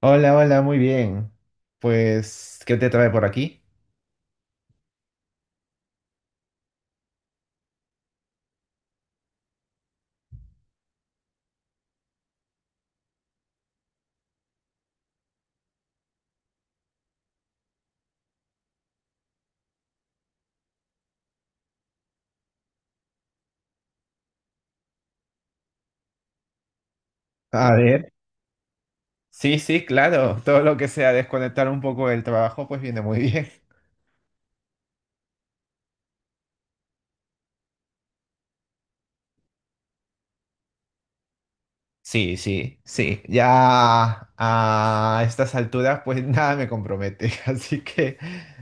Hola, hola, muy bien. Pues, ¿qué te trae por aquí? A ver. Sí, sí, claro. Todo lo que sea desconectar un poco del trabajo, pues viene muy bien. Sí, sí, sí. Ya a estas alturas, pues nada me compromete. Así que,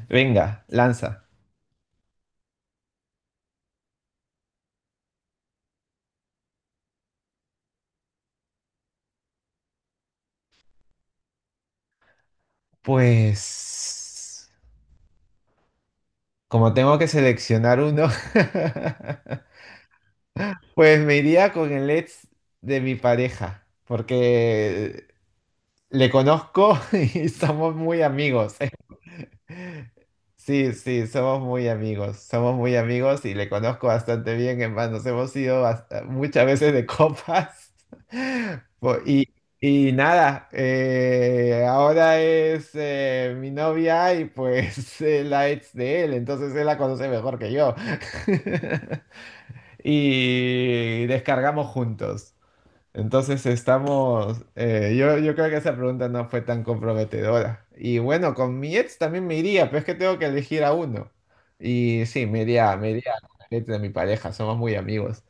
venga, lanza. Pues, como tengo que seleccionar uno, pues me iría con el ex de mi pareja, porque le conozco y somos muy amigos. Sí, sí, somos muy amigos y le conozco bastante bien, en nos hemos ido muchas veces de copas. Y, y nada, ahora es mi novia y pues la ex de él, entonces él la conoce mejor que yo. Y descargamos juntos. Entonces estamos, yo creo que esa pregunta no fue tan comprometedora. Y bueno, con mi ex también me iría, pero es que tengo que elegir a uno. Y sí, me iría con el ex de mi pareja, somos muy amigos.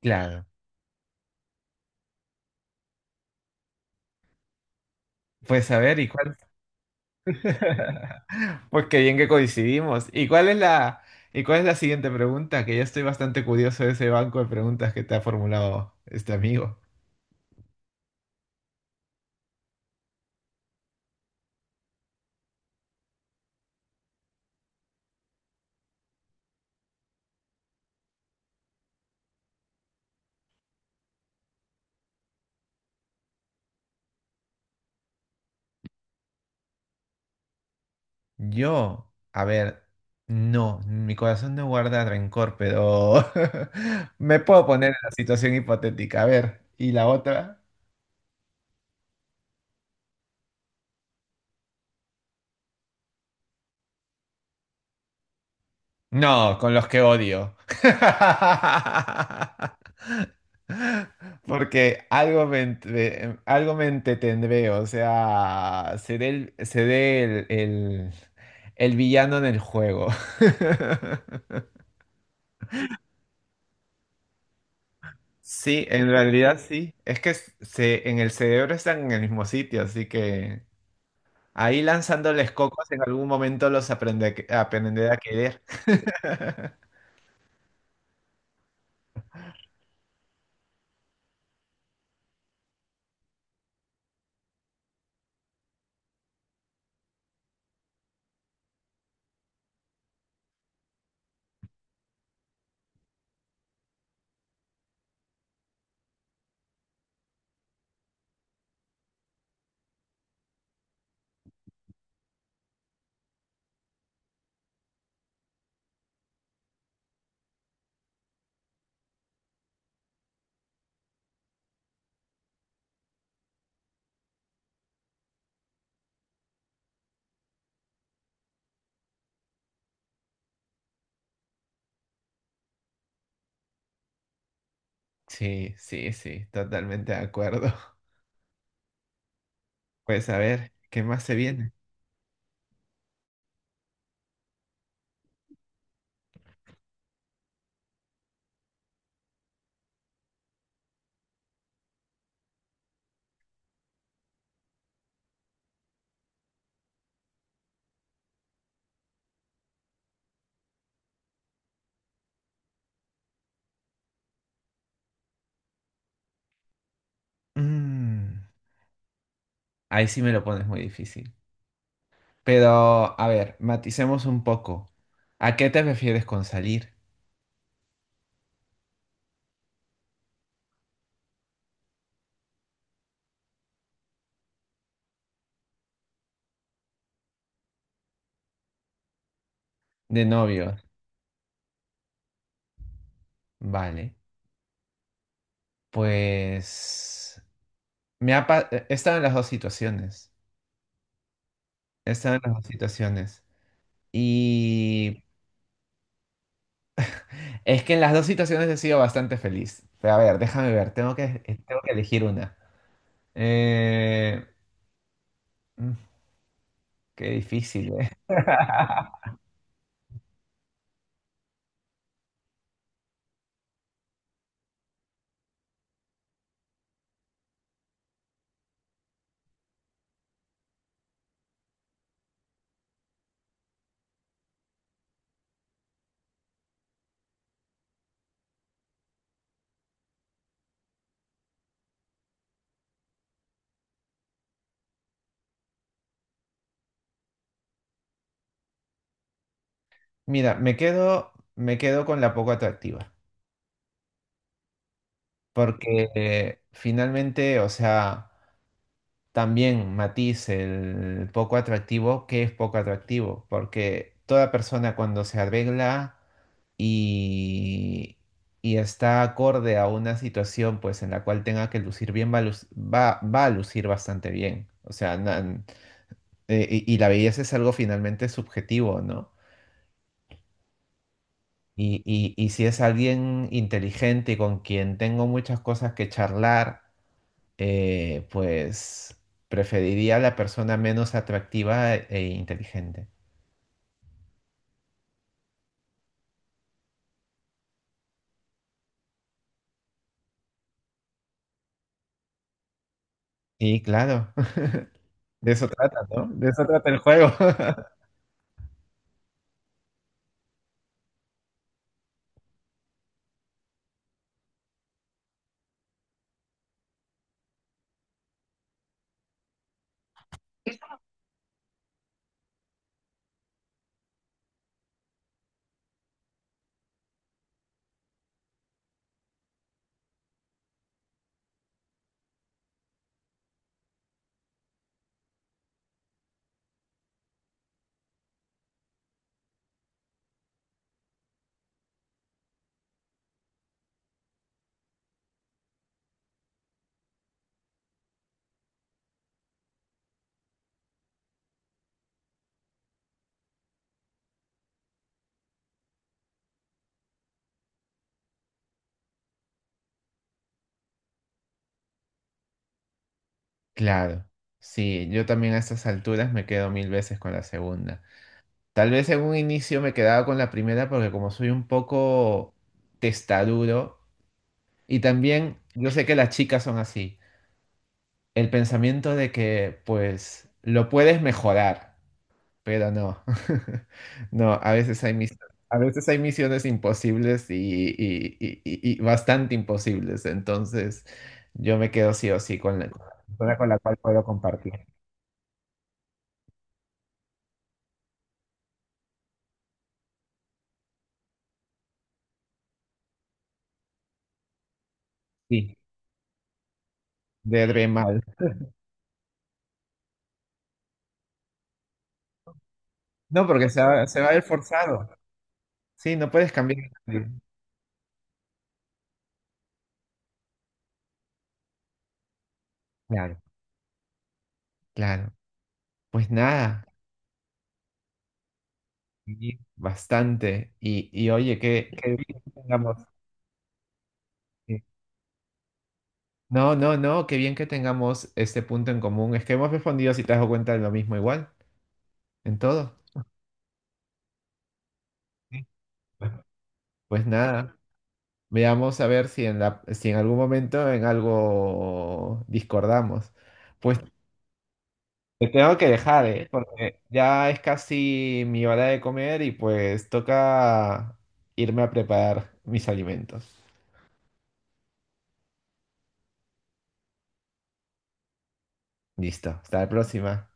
Claro. Pues a ver, ¿y cuál? Pues qué bien que coincidimos. ¿Y cuál es la siguiente pregunta? Que ya estoy bastante curioso de ese banco de preguntas que te ha formulado este amigo. Yo, a ver, no, mi corazón no guarda rencor, pero me puedo poner en la situación hipotética. A ver, ¿y la otra? No, con los que odio. Porque algo me entretendré, o sea, el villano en el juego. Sí, en realidad sí. En el cerebro están en el mismo sitio, así que... Ahí lanzándoles cocos en algún momento los aprende aprender a querer. Sí, sí, sí, totalmente de acuerdo. Pues a ver, ¿qué más se viene? Mm, ahí sí me lo pones muy difícil. Pero, a ver, maticemos un poco. ¿A qué te refieres con salir de novio? Vale, pues he estado en las dos situaciones. He estado en las dos situaciones. Y es que en las dos situaciones he sido bastante feliz. Pero a ver, déjame ver, tengo que elegir una. Eh, mm, qué difícil, ¿eh? Mira, me quedo con la poco atractiva, porque finalmente, o sea, también matiz el poco atractivo, ¿qué es poco atractivo? Porque toda persona cuando se arregla y, y está acorde a una situación pues en la cual tenga que lucir bien, va a lucir bastante bien. O sea, y la belleza es algo finalmente subjetivo, ¿no? Y si es alguien inteligente y con quien tengo muchas cosas que charlar, pues preferiría a la persona menos atractiva e inteligente. Y claro, de eso trata, ¿no? De eso trata el juego. Claro, sí, yo también a estas alturas me quedo mil veces con la segunda. Tal vez en un inicio me quedaba con la primera porque como soy un poco testarudo y también yo sé que las chicas son así, el pensamiento de que pues lo puedes mejorar, pero no, no, a veces hay misiones imposibles y, y bastante imposibles, entonces yo me quedo sí o sí con la, con la con la cual puedo compartir. Sí. De Dremal. No, porque se va a ver forzado. Sí, no puedes cambiar a nadie. Claro, claro. Pues nada, y bastante. Y oye, qué bien que tengamos. Sí. No, no, no, qué bien que tengamos este punto en común. Es que hemos respondido, si te has dado cuenta, de lo mismo igual, en todo. Sí. Pues nada, veamos a ver si en la, si en algún momento en algo discordamos. Pues te tengo que dejar, ¿eh? Porque ya es casi mi hora de comer y pues toca irme a preparar mis alimentos. Listo, hasta la próxima.